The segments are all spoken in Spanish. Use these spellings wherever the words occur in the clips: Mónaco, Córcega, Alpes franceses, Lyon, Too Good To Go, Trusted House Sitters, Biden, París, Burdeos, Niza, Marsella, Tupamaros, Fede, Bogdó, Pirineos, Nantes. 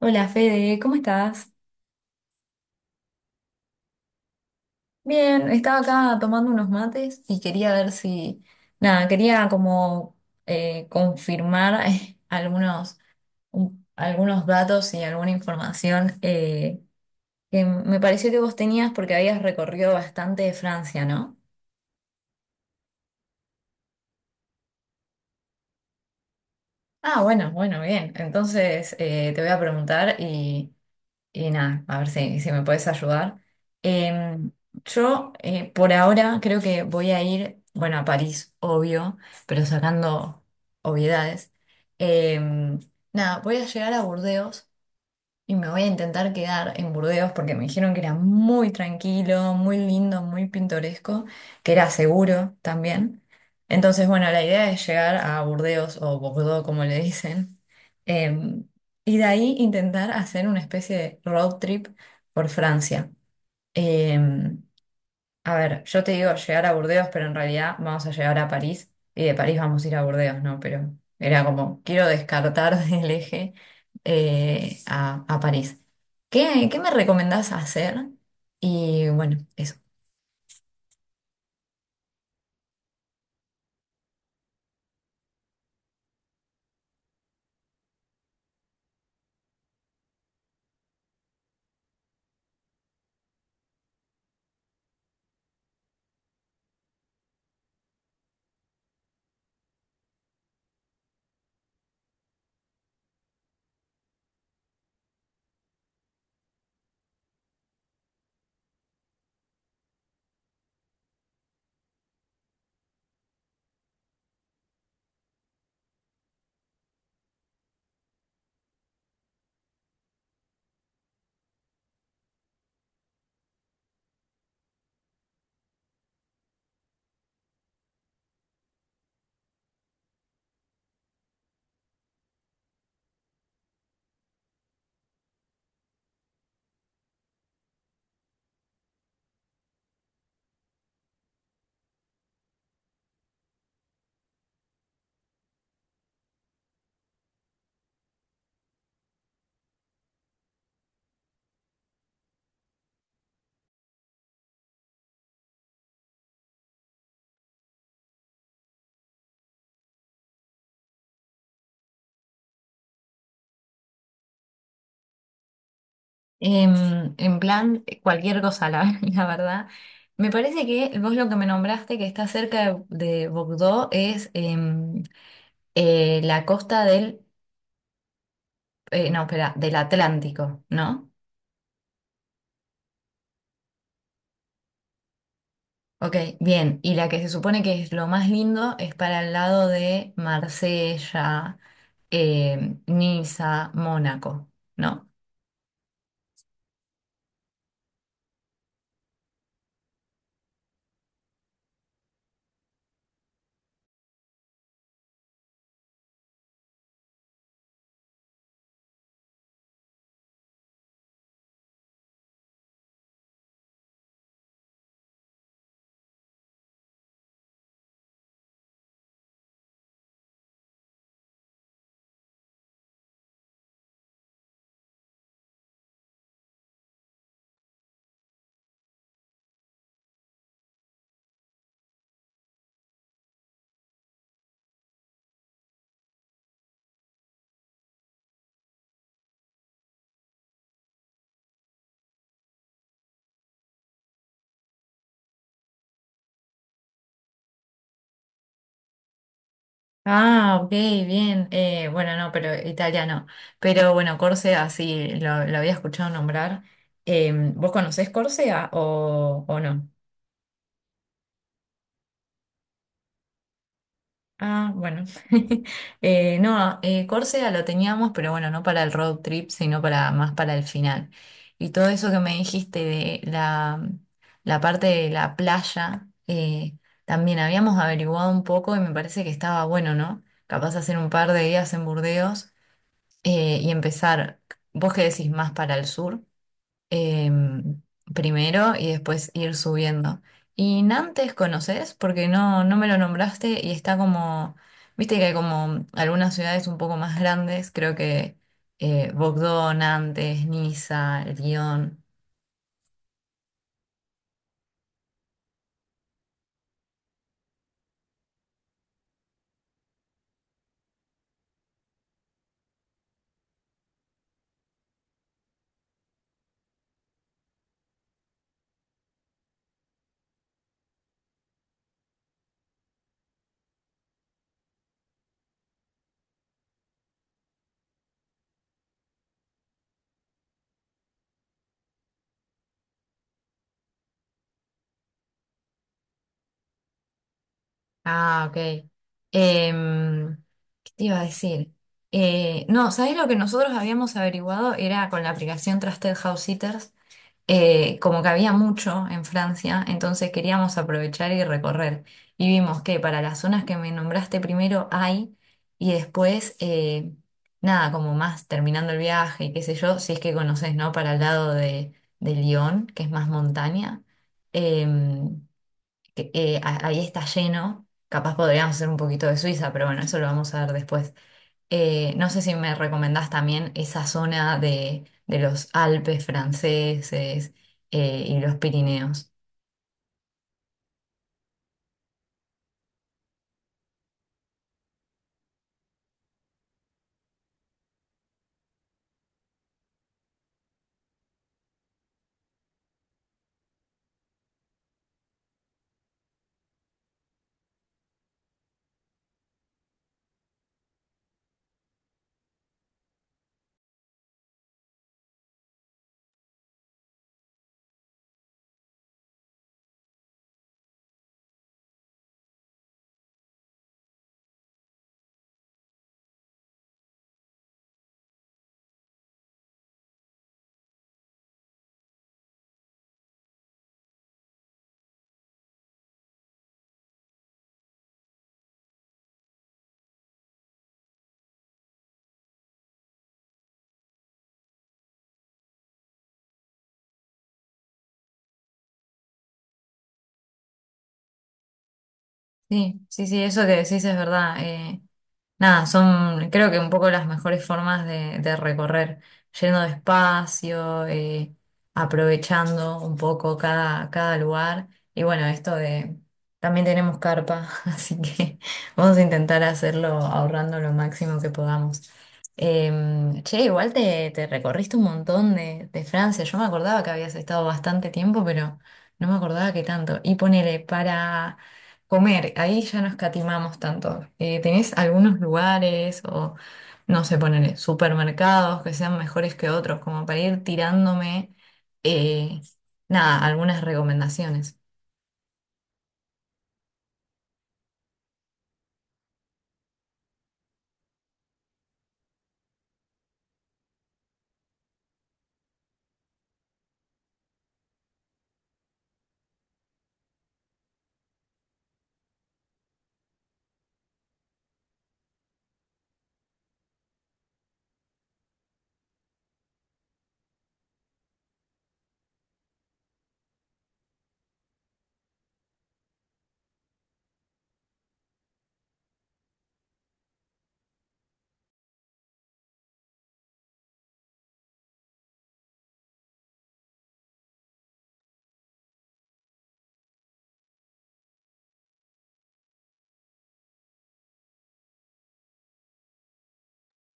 Hola, Fede, ¿cómo estás? Bien, estaba acá tomando unos mates y quería ver si, nada, quería como confirmar, algunos, algunos datos y alguna información, que me pareció que vos tenías porque habías recorrido bastante Francia, ¿no? Ah, bueno, bueno, bien. Entonces, te voy a preguntar. Y nada, a ver si, si me puedes ayudar. Em, yo, por ahora creo que voy a ir, bueno, a París, obvio, pero sacando obviedades. Em, Nada, voy a llegar a Burdeos y me voy a intentar quedar en Burdeos porque me dijeron que era muy tranquilo, muy lindo, muy pintoresco, que era seguro también. Entonces, bueno, la idea es llegar a Burdeos o Bordeaux, como le dicen, em, y de ahí intentar hacer una especie de road trip por Francia. Em, a ver, yo te digo llegar a Burdeos, pero en realidad vamos a llegar a París y de París vamos a ir a Burdeos, ¿no? Pero era como, quiero descartar del eje, a París. ¿Qué, qué me recomendás hacer? Y bueno, eso. En plan, cualquier cosa, la, la verdad. Me parece que vos lo que me nombraste, que está cerca de Bordeaux, es la costa del, no, espera, del Atlántico, ¿no? Ok, bien. Y la que se supone que es lo más lindo es para el lado de Marsella, Niza, Mónaco, ¿no? Ah, ok, bien. Bueno, no, pero italiano. Pero bueno, Córcega sí, lo había escuchado nombrar. ¿Vos conocés Córcega o no? Ah, bueno. No, Córcega lo teníamos, pero bueno, no para el road trip, sino para más para el final. Y todo eso que me dijiste de la, la parte de la playa, también habíamos averiguado un poco y me parece que estaba bueno, ¿no? Capaz hacer un par de días en Burdeos, y empezar, vos qué decís, más para el sur, em, primero y después ir subiendo. Y Nantes conoces porque no, no me lo nombraste y está como, viste que hay como algunas ciudades un poco más grandes, creo que, Bogdó, Nantes, Niza, Lyon. Ah, ok. Em, ¿Qué te iba a decir? No, ¿sabés lo que nosotros habíamos averiguado? Era con la aplicación Trusted House Sitters, como que había mucho en Francia, entonces queríamos aprovechar y recorrer. Y vimos que para las zonas que me nombraste primero hay, y después, nada, como más terminando el viaje, qué sé yo, si es que conoces, ¿no? Para el lado de Lyon, que es más montaña, em, que, ahí está lleno. Capaz podríamos hacer un poquito de Suiza, pero bueno, eso lo vamos a ver después. No sé si me recomendás también esa zona de los Alpes franceses, y los Pirineos. Sí, sí, sí, eso que decís es verdad. Eh, nada, son creo que un poco las mejores formas de recorrer, yendo despacio, aprovechando un poco cada, cada lugar. Y bueno, esto de, también tenemos carpa, así que vamos a intentar hacerlo ahorrando lo máximo que podamos. Che, igual te, te recorriste un montón de Francia. Yo me acordaba que habías estado bastante tiempo, pero no me acordaba que tanto. Y ponele, para comer, ahí ya no escatimamos tanto. ¿Tenés algunos lugares o, no sé, ponele, supermercados que sean mejores que otros, como para ir tirándome, eh, nada, algunas recomendaciones?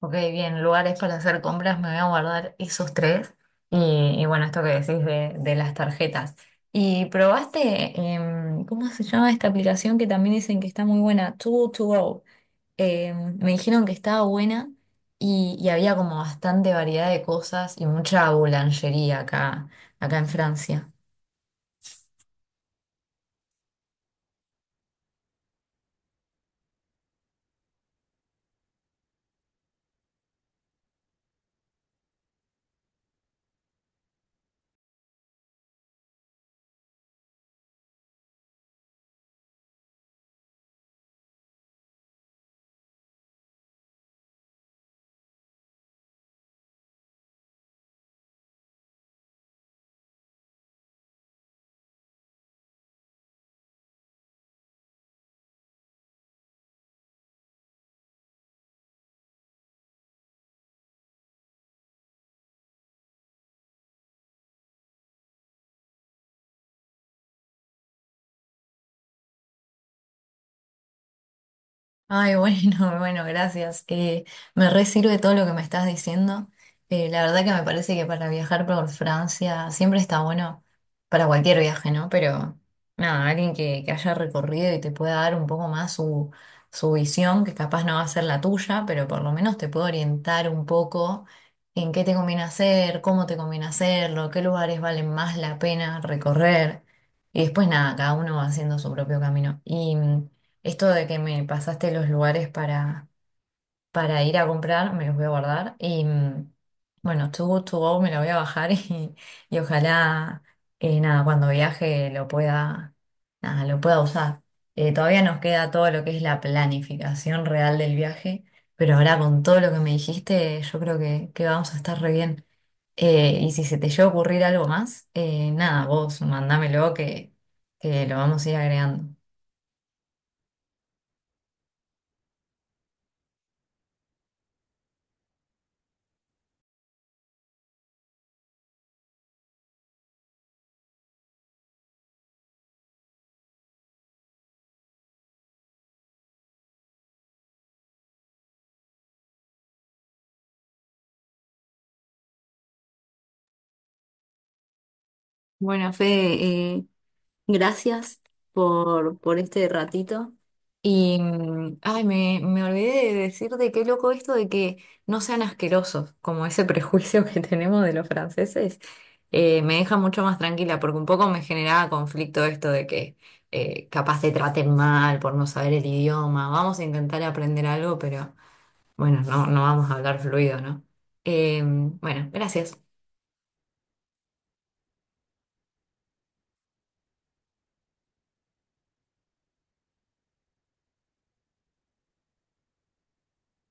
Ok, bien, lugares para hacer compras, me voy a guardar esos tres. Y bueno, esto que decís de las tarjetas. ¿Y probaste, cómo se llama esta aplicación que también dicen que está muy buena? Too to go. Eh, me dijeron que estaba buena y había como bastante variedad de cosas y mucha boulangería acá, acá en Francia. Ay, bueno, bueno, gracias. Me re sirve todo lo que me estás diciendo. La verdad que me parece que para viajar por Francia siempre está bueno para cualquier viaje, ¿no? Pero nada, alguien que haya recorrido y te pueda dar un poco más su, su visión, que capaz no va a ser la tuya, pero por lo menos te puede orientar un poco en qué te conviene hacer, cómo te conviene hacerlo, qué lugares valen más la pena recorrer. Y después nada, cada uno va haciendo su propio camino. Y esto de que me pasaste los lugares para ir a comprar, me los voy a guardar. Y mm, bueno, Too Good To Go me lo voy a bajar y ojalá, nada, cuando viaje lo pueda, nada, lo pueda usar. Todavía nos queda todo lo que es la planificación real del viaje, pero ahora con todo lo que me dijiste, yo creo que vamos a estar re bien. Y si se te llega a ocurrir algo más, nada, vos mandámelo que lo vamos a ir agregando. Bueno, Fede, gracias por este ratito. Y, mm, ay, me olvidé de decirte qué loco esto de que no sean asquerosos, como ese prejuicio que tenemos de los franceses, me deja mucho más tranquila, porque un poco me generaba conflicto esto de que, capaz te traten mal por no saber el idioma. Vamos a intentar aprender algo, pero bueno, no, no vamos a hablar fluido, ¿no? Bueno, gracias.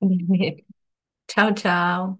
Chao, chao.